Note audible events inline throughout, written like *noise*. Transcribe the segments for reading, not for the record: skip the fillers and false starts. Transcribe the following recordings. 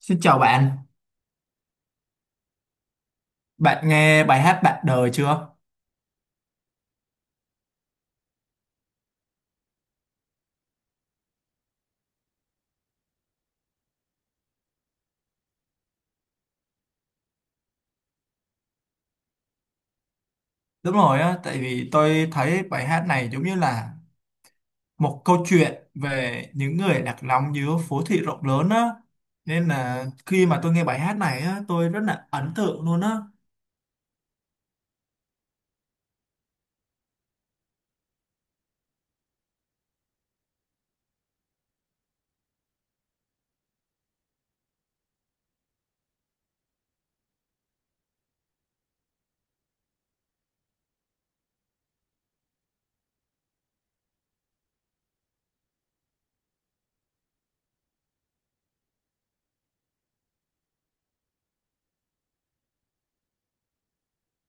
Xin chào bạn, bạn nghe bài hát Bạn đời chưa? Đúng rồi á, tại vì tôi thấy bài hát này giống như là một câu chuyện về những người lạc lõng giữa phố thị rộng lớn á. Nên là khi mà tôi nghe bài hát này á, tôi rất là ấn tượng luôn á.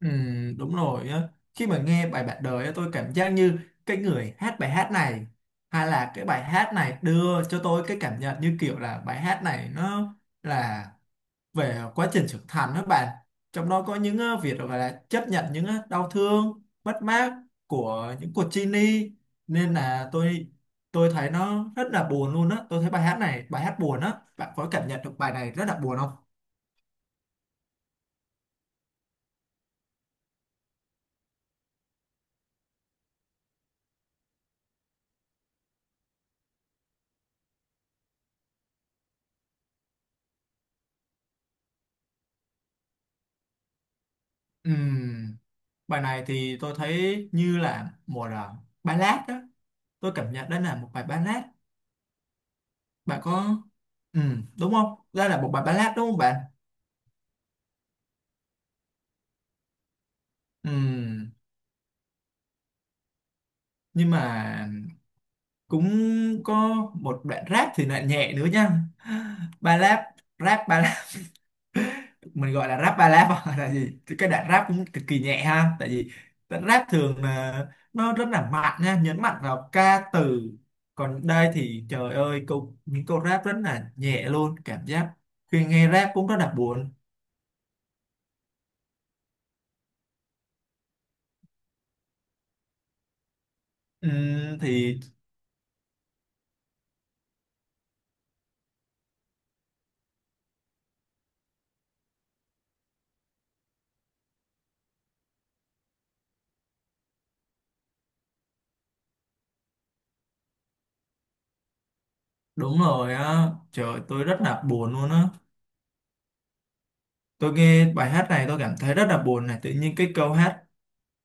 Ừ, đúng rồi á, khi mà nghe bài Bạn đời á, tôi cảm giác như cái người hát bài hát này hay là cái bài hát này đưa cho tôi cái cảm nhận như kiểu là bài hát này nó là về quá trình trưởng thành đó bạn, trong đó có những việc gọi là chấp nhận những đau thương mất mát của những cuộc chia ly. Nên là tôi thấy nó rất là buồn luôn á, tôi thấy bài hát này bài hát buồn á, bạn có cảm nhận được bài này rất là buồn không? Ừm, Bài này thì tôi thấy như là một là ballad đó, tôi cảm nhận đây là một bài ballad bạn có đúng không, đây là một bài ballad đúng không bạn? Ừm, nhưng mà cũng có một đoạn rap thì lại nhẹ nữa nha, ballad rap ballad, mình gọi là rap ballad hoặc *laughs* là gì. Thì cái đoạn rap cũng cực kỳ nhẹ ha, tại vì đoạn rap thường là nó rất là mạnh nha, nhấn mạnh vào ca từ, còn đây thì trời ơi câu những câu rap rất là nhẹ luôn, cảm giác khi nghe rap cũng rất là buồn. Thì đúng rồi á, trời tôi rất là buồn luôn á, tôi nghe bài hát này tôi cảm thấy rất là buồn này. Tự nhiên cái câu hát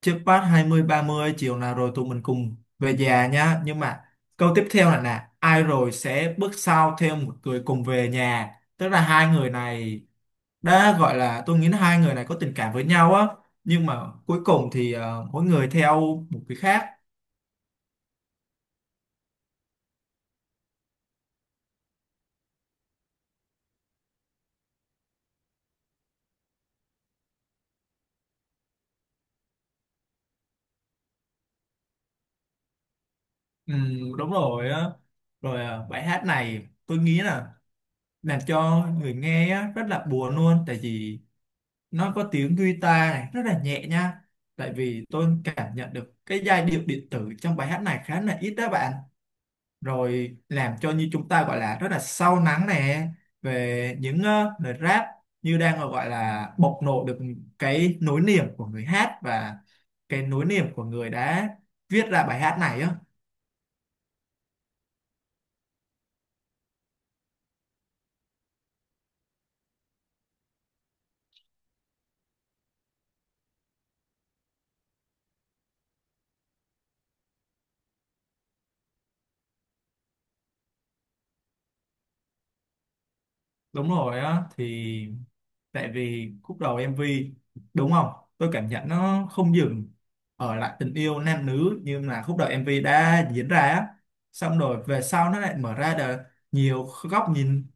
trước phát 20 30 chiều nào rồi tụi mình cùng về nhà nhá, nhưng mà câu tiếp theo là nè ai rồi sẽ bước sau theo một người cùng về nhà, tức là hai người này đã gọi là, tôi nghĩ là hai người này có tình cảm với nhau á, nhưng mà cuối cùng thì mỗi người theo một cái khác. Ừ, đúng rồi á, rồi bài hát này tôi nghĩ là làm cho người nghe á, rất là buồn luôn, tại vì nó có tiếng guitar này rất là nhẹ nha, tại vì tôi cảm nhận được cái giai điệu điện tử trong bài hát này khá là ít đó bạn, rồi làm cho như chúng ta gọi là rất là sâu lắng nè, về những lời rap như đang gọi là bộc lộ được cái nỗi niềm của người hát và cái nỗi niềm của người đã viết ra bài hát này á. Đúng rồi á, thì tại vì khúc đầu MV đúng không, tôi cảm nhận nó không dừng ở lại tình yêu nam nữ, nhưng là khúc đầu MV đã diễn ra á, xong rồi về sau nó lại mở ra được nhiều góc nhìn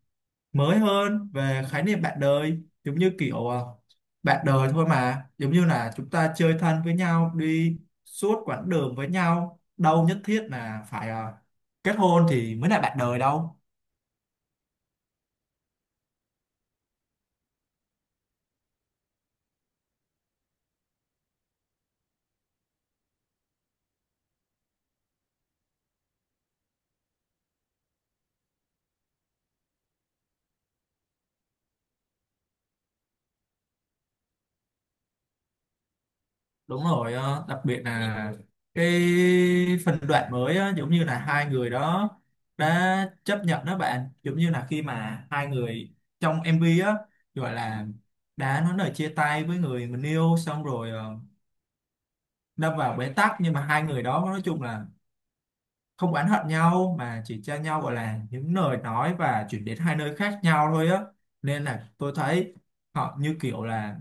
mới hơn về khái niệm bạn đời, giống như kiểu bạn đời thôi mà giống như là chúng ta chơi thân với nhau đi suốt quãng đường với nhau, đâu nhất thiết là phải kết hôn thì mới là bạn đời đâu. Đúng rồi đặc biệt là cái phần đoạn mới á, giống như là hai người đó đã chấp nhận đó bạn, giống như là khi mà hai người trong MV á gọi là đã nói lời chia tay với người mình yêu, xong rồi đâm vào bế tắc, nhưng mà hai người đó nói chung là không oán hận nhau mà chỉ cho nhau gọi là những lời nói và chuyển đến hai nơi khác nhau thôi á. Nên là tôi thấy họ như kiểu là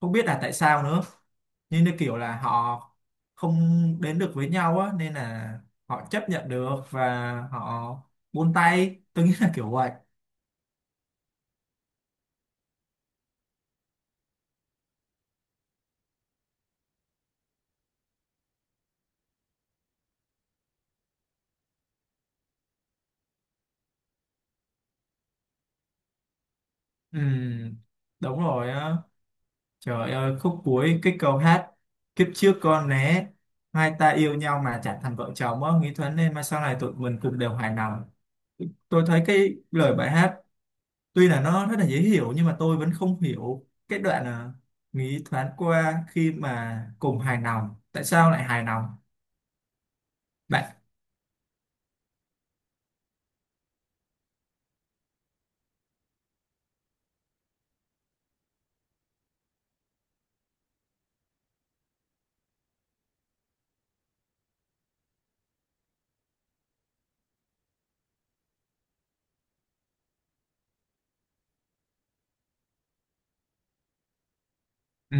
không biết là tại sao nữa, như như kiểu là họ không đến được với nhau á, nên là họ chấp nhận được và họ buông tay, tôi nghĩ là kiểu vậy. Ừm, Đúng rồi á, trời ơi khúc cuối cái câu hát kiếp trước con né hai ta yêu nhau mà chẳng thành vợ chồng á, nghĩ thoáng nên mà sau này tụi mình cũng đều hài lòng. Tôi thấy cái lời bài hát tuy là nó rất là dễ hiểu nhưng mà tôi vẫn không hiểu cái đoạn nghĩ thoáng qua khi mà cùng hài lòng, tại sao lại hài lòng bạn? Ừ,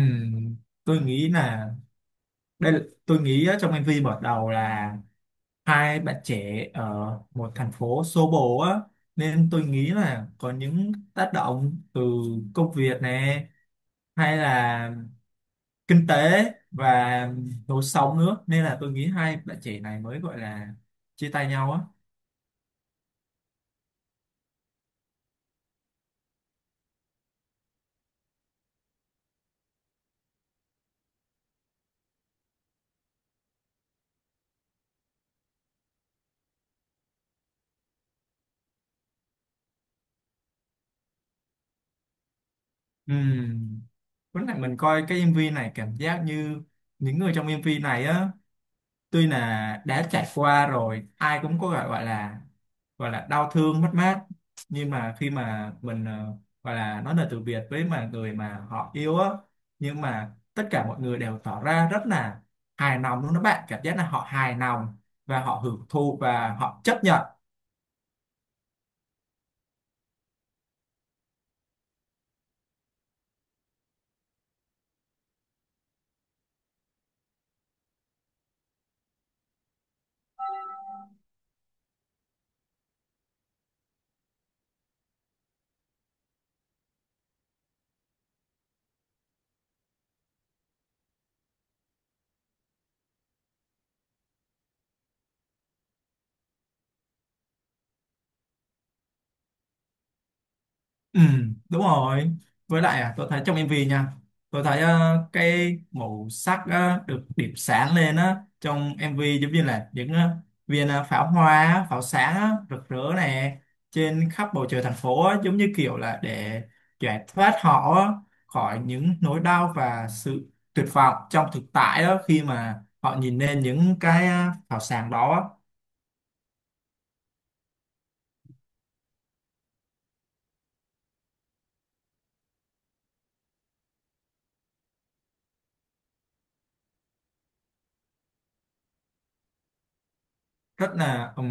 tôi nghĩ là đây là, tôi nghĩ á, trong MV mở đầu là hai bạn trẻ ở một thành phố xô bồ á, nên tôi nghĩ là có những tác động từ công việc này hay là kinh tế và lối sống nữa, nên là tôi nghĩ hai bạn trẻ này mới gọi là chia tay nhau á. Ừ. Lúc này mình coi cái MV này cảm giác như những người trong MV này á tuy là đã trải qua rồi ai cũng có gọi gọi là đau thương mất mát, nhưng mà khi mà mình gọi là nói lời từ biệt với mà người mà họ yêu á, nhưng mà tất cả mọi người đều tỏ ra rất là hài lòng luôn đó bạn, cảm giác là họ hài lòng và họ hưởng thụ và họ chấp nhận. Ừ, đúng rồi. Với lại tôi thấy trong MV nha, tôi thấy cái màu sắc được điểm sáng lên á trong MV, giống như là những viên pháo hoa, á, pháo sáng á, rực rỡ nè trên khắp bầu trời thành phố á, giống như kiểu là để giải thoát họ á, khỏi những nỗi đau và sự tuyệt vọng trong thực tại đó khi mà họ nhìn lên những cái pháo sáng đó á. Rất là ừ,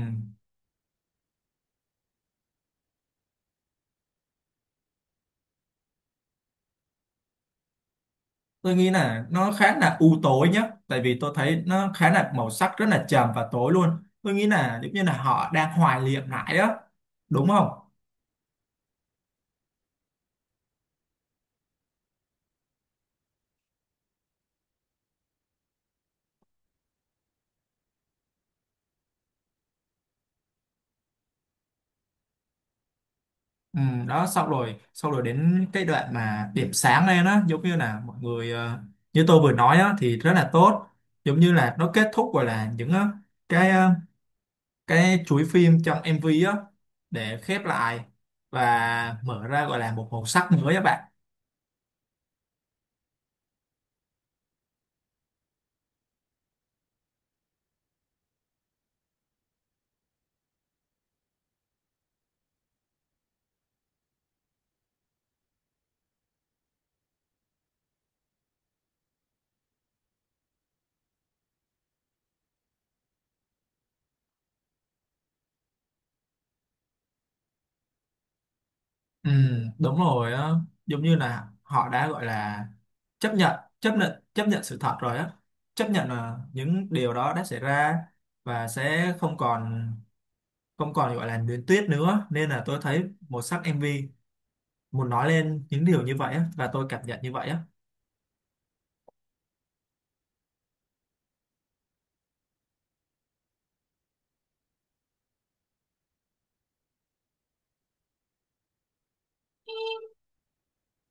tôi nghĩ là nó khá là u tối nhá, tại vì tôi thấy nó khá là màu sắc rất là trầm và tối luôn, tôi nghĩ là giống như là họ đang hoài niệm lại đó đúng không? Ừ, đó xong rồi đến cái đoạn mà điểm sáng lên á, giống như là mọi người như tôi vừa nói á thì rất là tốt, giống như là nó kết thúc gọi là những cái ờ, cái chuỗi phim trong MV á để khép lại và mở ra gọi là một màu sắc mới các bạn. Ừ, đúng rồi á, giống như là họ đã gọi là chấp nhận sự thật rồi á, chấp nhận là những điều đó đã xảy ra và sẽ không còn gọi là luyến tiếc nữa, nên là tôi thấy màu sắc em MV muốn nói lên những điều như vậy á và tôi cảm nhận như vậy á.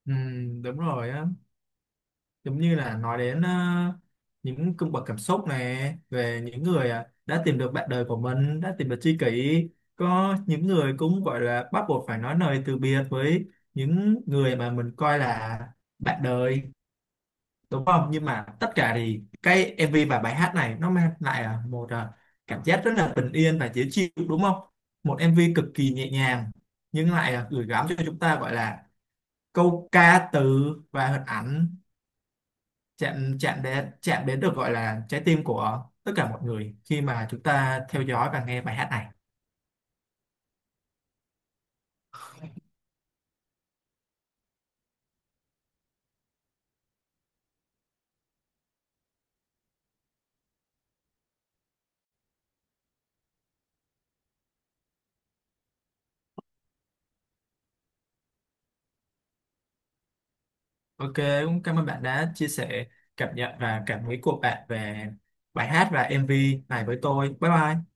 Ừ, đúng rồi á, giống như là nói đến những cung bậc cảm xúc này về những người đã tìm được bạn đời của mình, đã tìm được tri kỷ, có những người cũng gọi là bắt buộc phải nói lời từ biệt với những người mà mình coi là bạn đời đúng không, nhưng mà tất cả thì cái MV và bài hát này nó mang lại một cảm giác rất là bình yên và dễ chịu đúng không, một MV cực kỳ nhẹ nhàng nhưng lại gửi gắm cho chúng ta gọi là câu ca từ và hình ảnh chạm chạm đến được gọi là trái tim của tất cả mọi người khi mà chúng ta theo dõi và nghe bài hát này. Ok, cũng cảm ơn bạn đã chia sẻ cảm nhận và cảm nghĩ của bạn về bài hát và MV này với tôi. Bye bye.